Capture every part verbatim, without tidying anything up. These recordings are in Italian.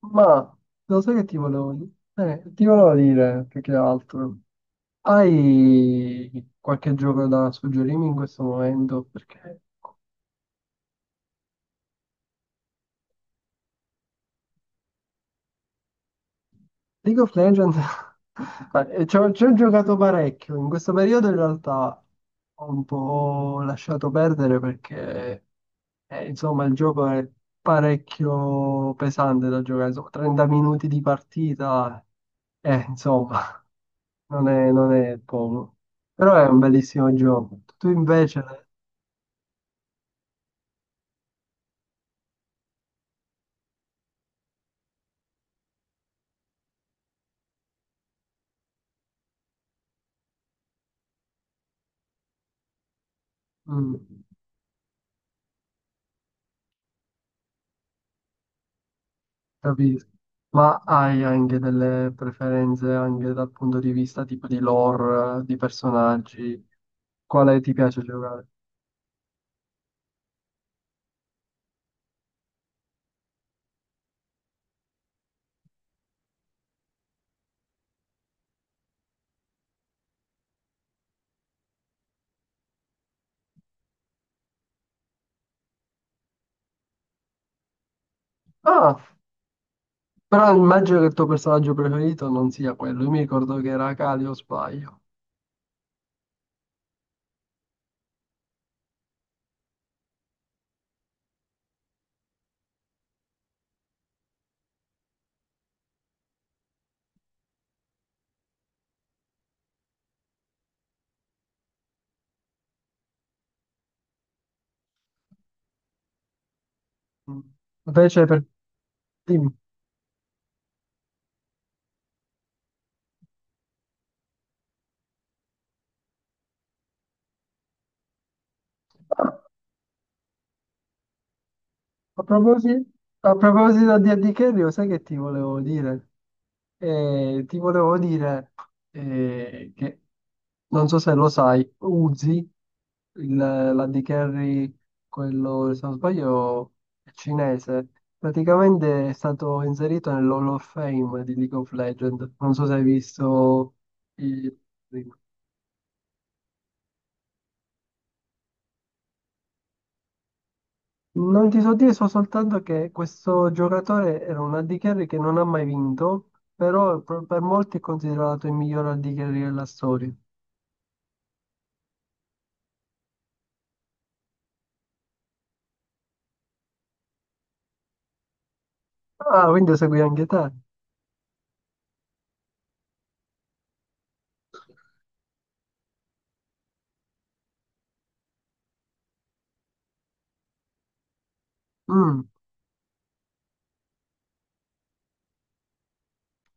Ma lo sai che ti volevo, eh, ti volevo dire più che altro, hai qualche gioco da suggerirmi in questo momento? Perché League of Legends ma, eh, ci ho, ci ho giocato parecchio. In questo periodo in realtà ho un po' lasciato perdere perché eh, insomma il gioco è parecchio pesante da giocare, insomma, trenta minuti di partita, eh, insomma. non è, non è poco, però è un bellissimo gioco. Tu invece, mm, capisco, ma hai anche delle preferenze anche dal punto di vista tipo di lore, di personaggi, quale ti piace giocare? Ah, però immagino che il tuo personaggio preferito non sia quello, io mi ricordo che era Kali o sbaglio. Mm. Invece per... dimmi. A proposito, a proposito di Andy Carry, lo sai che ti volevo dire? Eh, ti volevo dire eh, che, non so se lo sai, Uzi, il- l'Andy Carry, quello, se non sbaglio, è cinese, praticamente è stato inserito nell'Hall of Fame di League of Legends. Non so se hai visto i- non ti so dire, so soltanto che questo giocatore era un Andy Carry che non ha mai vinto, però per per molti è considerato il miglior Andy Carry della storia. Ah, quindi lo segui anche te. Mm,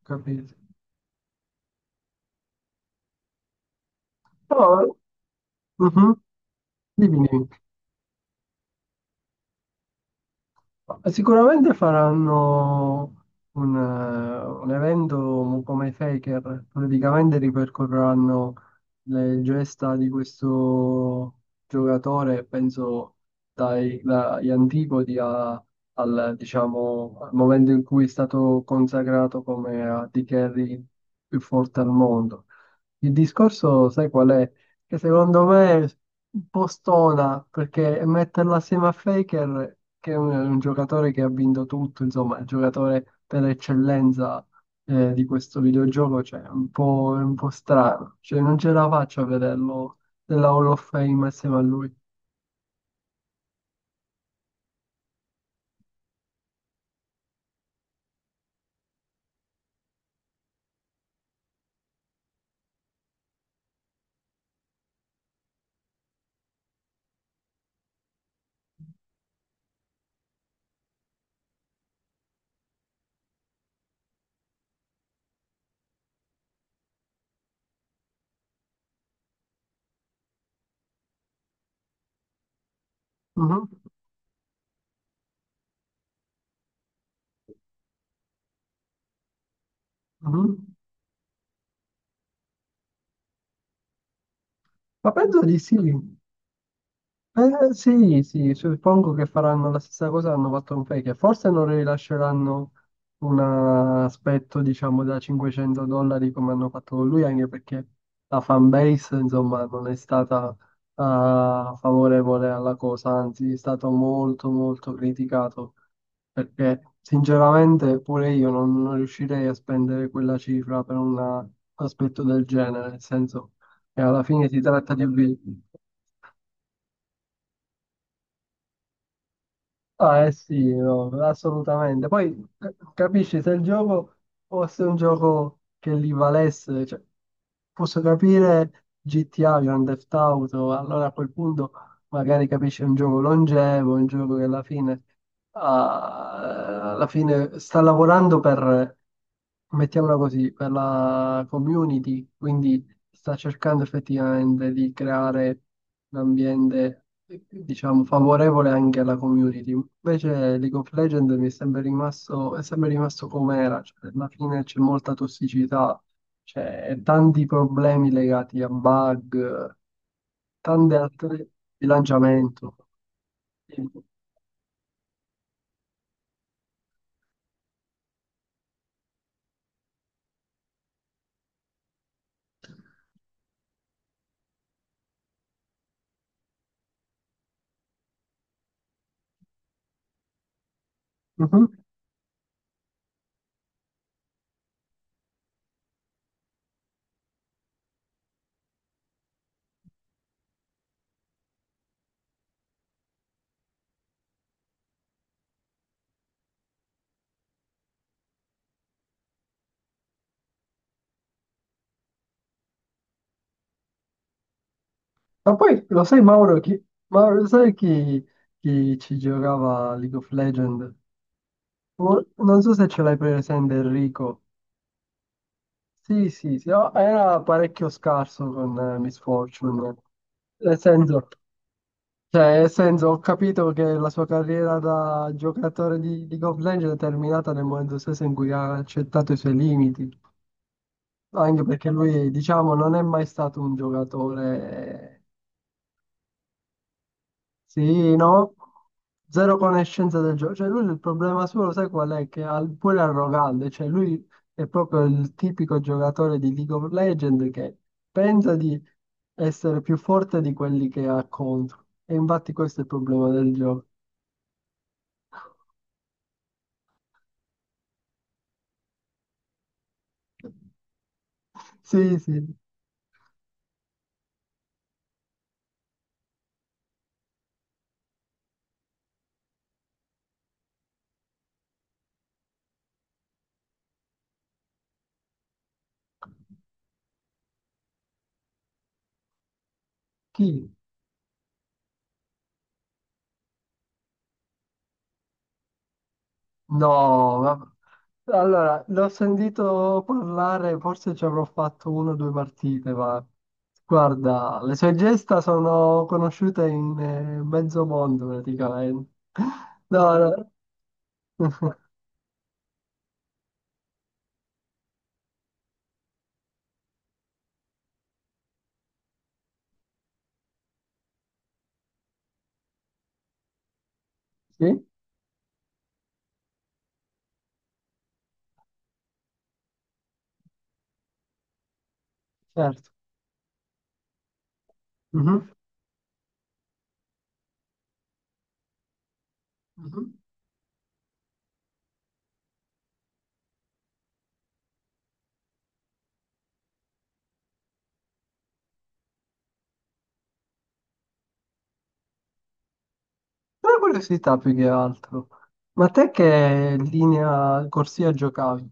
capito. No, mhm, dimmi, dimmi. Ma sicuramente faranno un, eh, un evento come Faker, praticamente ripercorreranno le gesta di questo giocatore, penso dai- dagli antipodi a- al, diciamo, al momento in cui è stato consacrato come A D carry più forte al mondo. Il discorso, sai qual è? Che secondo me è un po' stona perché metterla assieme a Faker, che è un, un giocatore che ha vinto tutto, insomma, è il giocatore per eccellenza eh, di questo videogioco, cioè, è un po', è un po' strano. Cioè, non ce la faccio a vederlo nella Hall of Fame assieme a lui. Mhm, mhm. Ma penso di sì. Eh, sì, sì, suppongo che faranno la stessa cosa che hanno fatto con Fake. Forse non rilasceranno un aspetto, diciamo, da cinquecento dollari come hanno fatto con lui, anche perché la fanbase, insomma, non è stata eh, favorevole alla cosa, anzi, è stato molto, molto criticato. Perché, sinceramente, pure io non, non riuscirei a spendere quella cifra per un aspetto del genere, nel senso che alla fine si tratta di obiettivi. Ah, eh sì, no, assolutamente. Poi eh, capisci se il gioco fosse un gioco che li valesse, cioè, posso capire G T A, Grand Theft Auto, allora a quel punto magari capisci un gioco longevo, un gioco che alla fine, ah, alla fine sta lavorando per, mettiamola così, per la community, quindi sta cercando effettivamente di creare un ambiente, diciamo, favorevole anche alla community. Invece League of Legends mi è sempre rimasto, è sempre rimasto com'era, cioè, alla fine c'è molta tossicità, c'è tanti problemi legati a bug, tante altre bilanciamento. Mhm. Ma poi lo sai Mauro chi, Mauro, sai chi, chi ci giocava a League of Legends? Oh, non so se ce l'hai presente Enrico. Sì, sì, sì, no, era parecchio scarso con eh, Miss Fortune. Nel senso, cioè, nel senso, ho capito che la sua carriera da giocatore di League of Legends è terminata nel momento stesso in cui ha accettato i suoi limiti, anche perché lui, diciamo, non è mai stato un giocatore. Sì, no? Zero conoscenza del gioco. Cioè, lui il problema suo, lo sai qual è? Che è pure arrogante. Cioè, lui è proprio il tipico giocatore di League of Legends che pensa di essere più forte di quelli che ha contro. E infatti questo è il problema del gioco. Sì, sì. Chi? No, ma- allora, l'ho sentito parlare, forse ci avrò fatto una o due partite, ma guarda, le sue gesta sono conosciute in eh, mezzo mondo praticamente. No, no. Sì, certo. Mhm, mhm. Una curiosità più che altro. Ma te che linea corsia giocavi?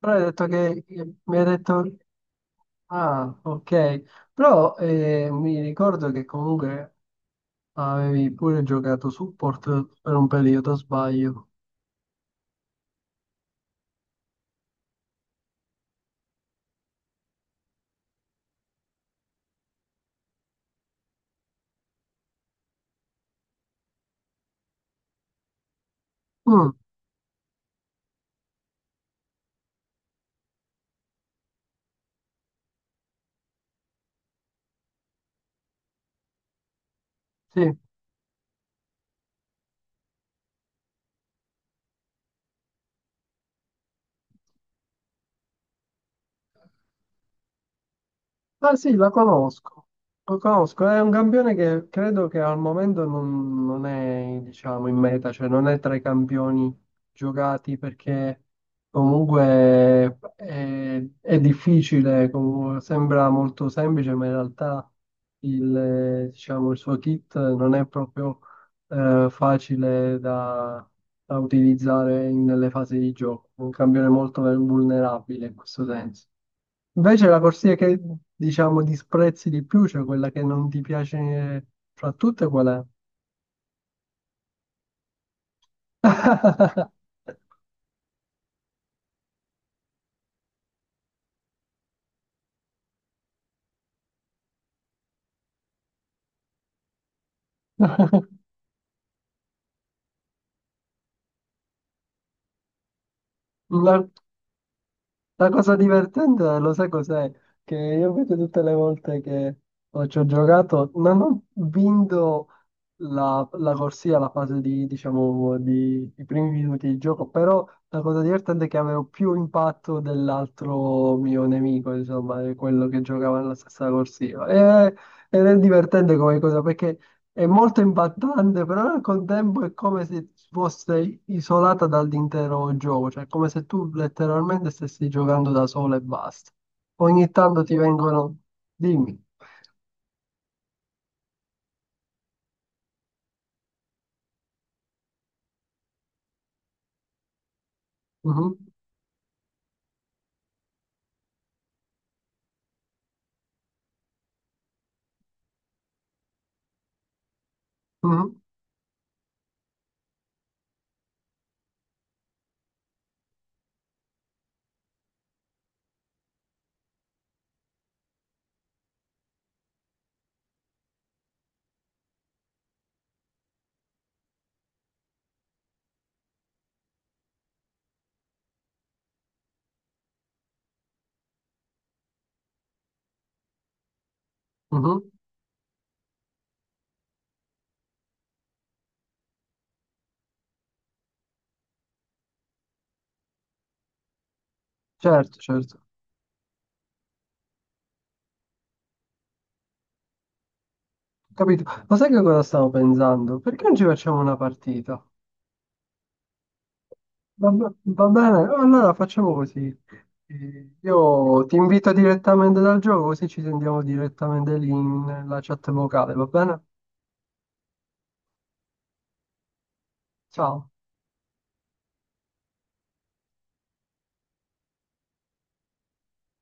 Però hai detto che mi hai detto... Ah, ok. Però eh, mi ricordo che comunque avevi pure giocato support per un periodo, sbaglio. Mm, sì. Ah sì, la conosco, lo conosco, è un campione che credo che al momento non, non è, diciamo, in meta, cioè non è tra i campioni giocati perché comunque è, è difficile, comunque sembra molto semplice, ma in realtà il, eh, diciamo, il suo kit non è proprio eh, facile da, da utilizzare in- nelle fasi di gioco, è un campione molto vulnerabile in questo senso. Invece la corsia che diciamo disprezzi di più, cioè quella che non ti piace fra tutte, qual è? La- la cosa divertente, lo sai cos'è? Che io vedo tutte le volte che ho- ci ho giocato, non ho vinto la, la corsia, la fase di, diciamo, di, i primi minuti di gioco, però la cosa divertente è che avevo più impatto dell'altro mio nemico, insomma, di quello che giocava nella stessa corsia. E- ed è divertente come cosa, perché è molto impattante, però al contempo è come se fosse isolata dall'intero gioco, cioè è come se tu letteralmente stessi giocando da solo e basta. Ogni tanto ti vengono... dimmi. Mhm, mhm, mhm. Certo, certo. Capito. Ma sai che cosa stavo pensando? Perché non ci facciamo una partita? Va, be- va bene, allora facciamo così. Eh, Io ti invito direttamente dal gioco, così ci sentiamo direttamente lì nella chat vocale, va bene? Ciao.